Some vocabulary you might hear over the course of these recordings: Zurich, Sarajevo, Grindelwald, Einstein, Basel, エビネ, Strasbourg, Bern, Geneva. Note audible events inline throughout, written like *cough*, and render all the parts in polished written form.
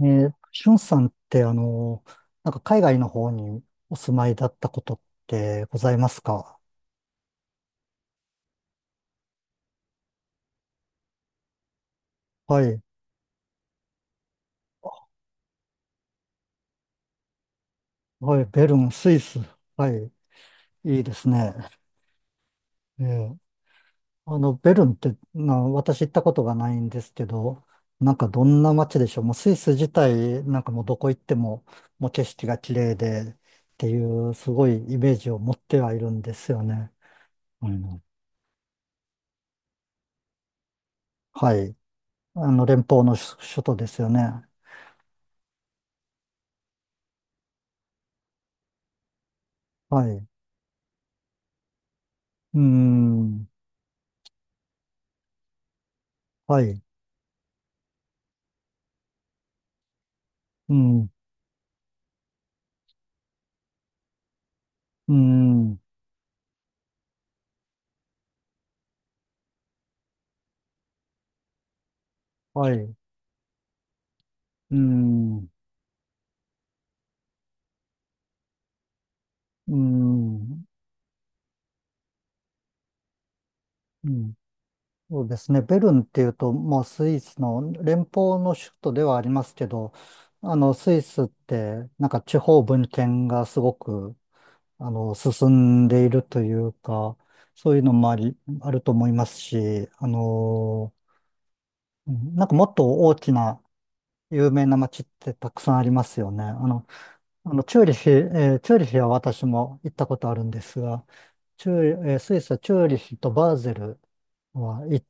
しゅんさんって、なんか海外の方にお住まいだったことってございますか？はい。はい。ベルン、スイス。はい。いいですね。えーベルンって、私行ったことがないんですけど、なんかどんな街でしょう。もうスイス自体、なんかもうどこ行っても、もう景色が綺麗で、っていう、すごいイメージを持ってはいるんですよね。うん。はい。連邦の首都ですよね。はい。うーん。はい。うん。うん。はい。うん。うん。うん。そうですね。ベルンっていうと、まあ、スイスの連邦の首都ではありますけど、スイスって、なんか地方分権がすごく、進んでいるというか、そういうのもあり、あると思いますし、うん、なんかもっと大きな有名な街ってたくさんありますよね。あの、チューリヒ、えチューリヒは私も行ったことあるんですが、チューリえースイスはチューリヒとバーゼルは行っ、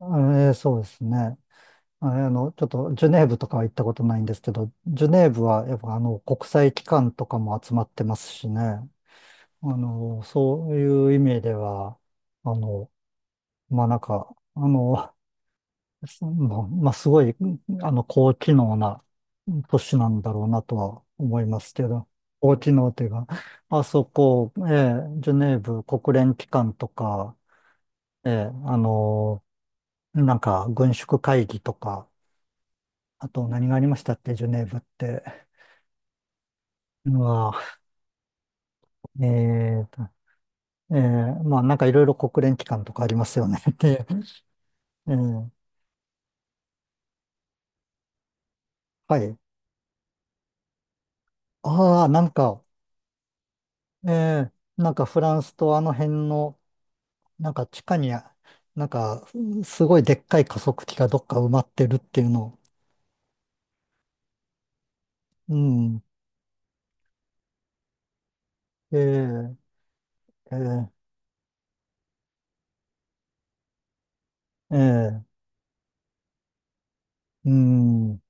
うん、そうですね。ちょっとジュネーブとかは行ったことないんですけど、ジュネーブはやっぱあの国際機関とかも集まってますしね。そういう意味では、あの、まあ、なんか、*laughs* そのまあ、すごい、高機能な都市なんだろうなとは思いますけど、高機能というか、あそこ、ええジュネーブ国連機関とか、ええ、あの、なんか軍縮会議とか、あと何がありましたっけ、ジュネーブって。うわ、ええと、ええ、まあなんかいろいろ国連機関とかありますよね。*laughs* で、ええ、はい。ああ、なんか、ええ、なんかフランスとあの辺の、なんか地下に、なんかすごいでっかい加速器がどっか埋まってるっていうの。うん。ええ、ええ、ええ、うん。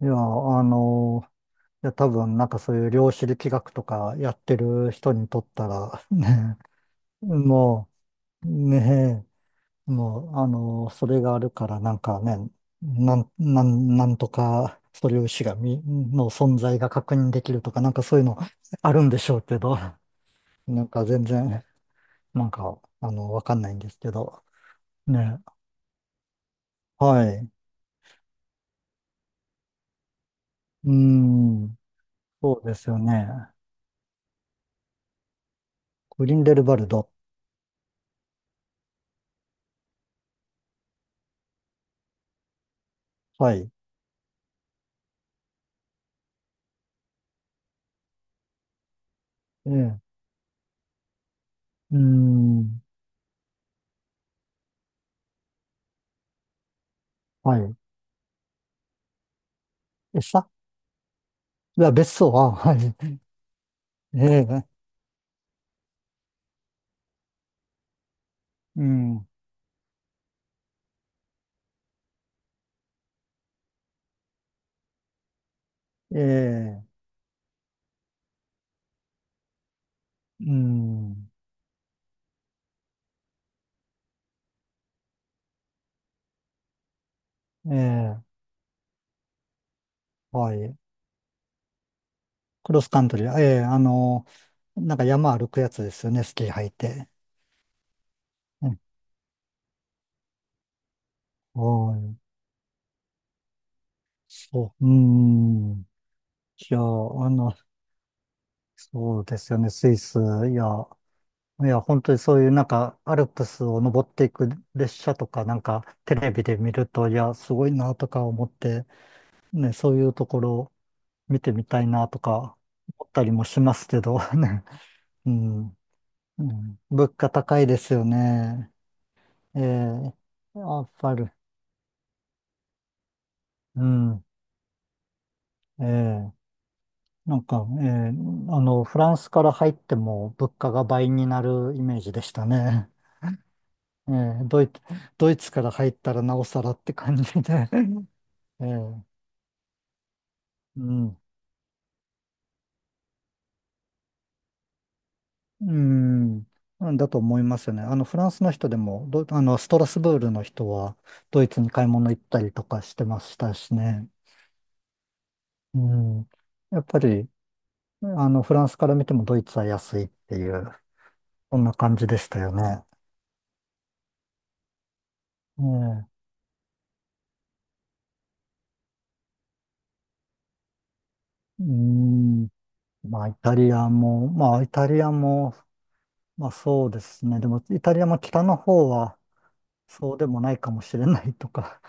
いや、あのいや、多分なんかそういう量子力学とかやってる人にとったら、*laughs* ね、もう、ね、もう、それがあるからなんかね、なんとか素粒子がみ、の存在が確認できるとか、なんかそういうのあるんでしょうけど、*laughs* なんか全然、なんか、わかんないんですけど、ね、はい。うーん、そうですよね。グリンデルバルド。はい。ええ、うーん、はい。餌いや、別荘は、はい。ええ、うん。ええ、うん。ええ、はい。クロスカントリー。ええ、なんか山歩くやつですよね、スキー履いて。うん、はい。そう。うん。いや、の、そうですよね、スイス。いや、いや、本当にそういうなんか、アルプスを登っていく列車とか、なんか、テレビで見ると、いや、すごいなとか思って、ね、そういうところ見てみたいなとか思ったりもしますけど、*laughs* ね、うん、うん、物価高いですよね。ええ、やっぱり、うん、ええ、なんか、ええ、フランスから入っても物価が倍になるイメージでしたね。ええ、ドイツから入ったらなおさらって感じで。*laughs* ええ、うん。うん、うんだと思いますよね。フランスの人でも、ど、あの、ストラスブールの人は、ドイツに買い物行ったりとかしてましたしね。うん。やっぱり、フランスから見てもドイツは安いっていう、そんな感じでしたよね。ええ、うん。まあ、イタリアも、まあ、そうですね。でも、イタリアも北の方は、そうでもないかもしれないとか。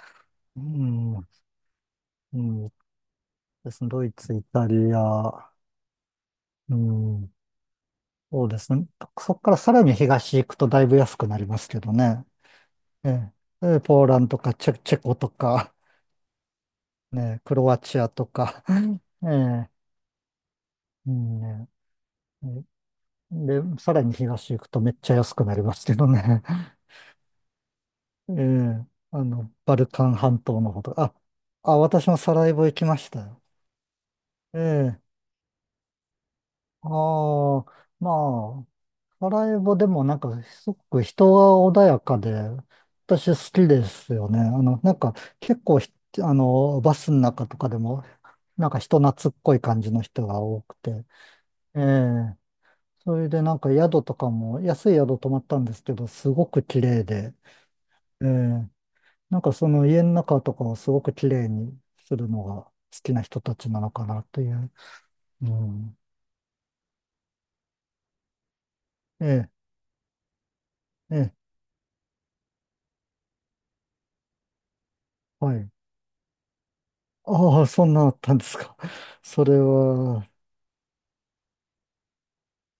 うん。うん。ですね。ドイツ、イタリア、うん。そうですね。そこからさらに東行くとだいぶ安くなりますけどね。ええ。ええ、ポーランドとかチェコとか、ね、クロアチアとか。ええ。うん、ね、で、さらに東行くとめっちゃ安くなりますけどね。ええ。バルカン半島の方とか。私もサラエボ行きましたよ。ええ。ああ、まあ、サラエボでもなんかすごく人が穏やかで、私好きですよね。なんか結構ひ、あの、バスの中とかでも、なんか人懐っこい感じの人が多くて。ええ、それでなんか宿とかも、安い宿泊まったんですけど、すごく綺麗で、ええ、なんかその家の中とかをすごく綺麗にするのが好きな人たちなのかなという。うん。ええ、ええ、はい。ああ、そんなあったんですか。*laughs* それは、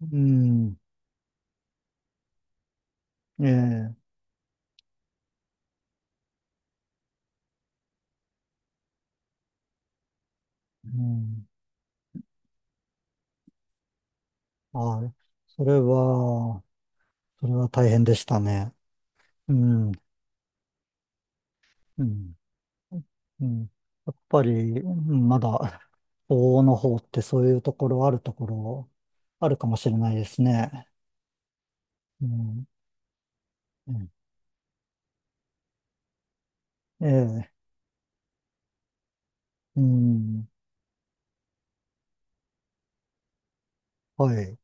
うん、ええ、うん、はい。それは、それは大変でしたね。うん、うん、うん。やっぱり、うん、まだ、法の方ってそういうところあるところ、あるかもしれないですね。うん、うん、ええ、うん、はい。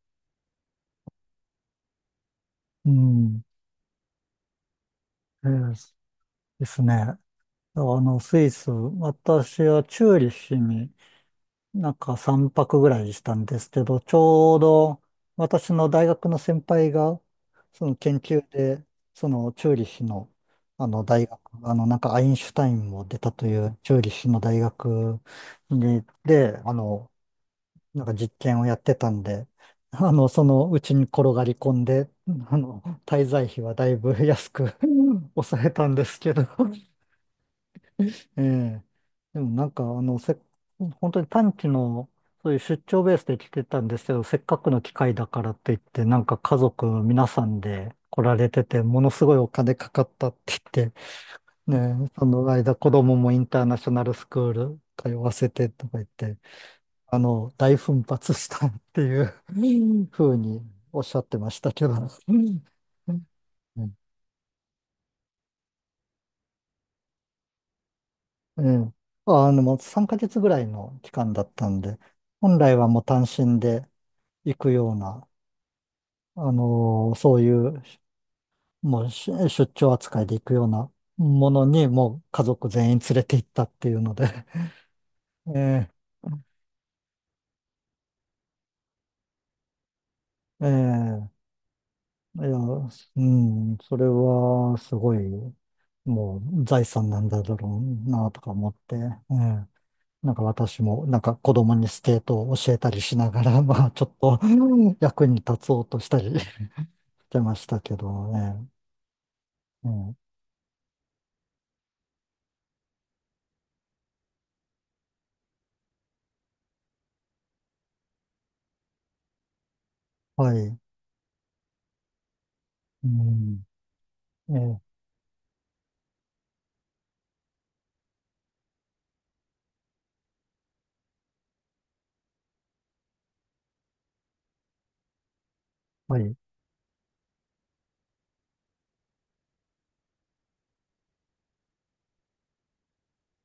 うん、ええ、ですね。スイス、私はチューリッヒに、なんか3泊ぐらいしたんですけど、ちょうど私の大学の先輩が、その研究で、そのチューリヒの、あの大学、あのなんかアインシュタインも出たというチューリヒの大学に、で、なんか実験をやってたんで、そのうちに転がり込んで、滞在費はだいぶ安く *laughs* 抑えたんですけど、ええ。でもなんか、本当に短期の、そういう出張ベースで来てたんですけど、せっかくの機会だからって言って、なんか家族皆さんで来られてて、ものすごいお金かかったって言って、ね、え、その間子供もインターナショナルスクール通わせてとか言って、大奮発したっていうふうにおっしゃってましたけど。うん、ええ。もう3ヶ月ぐらいの期間だったんで、本来はもう単身で行くような、そういう、もうし出張扱いで行くようなものに、もう家族全員連れて行ったっていうので、*laughs* ええ、ええ、いや、うん、それはすごい、もう財産なんだろうなとか思って、ええ、なんか私も、なんか子供にスケートを教えたりしながら、*laughs* まあちょっと、うん、 *laughs* 役に立つおうとしたりしてましたけどね。うん、はい。うん、えーはい。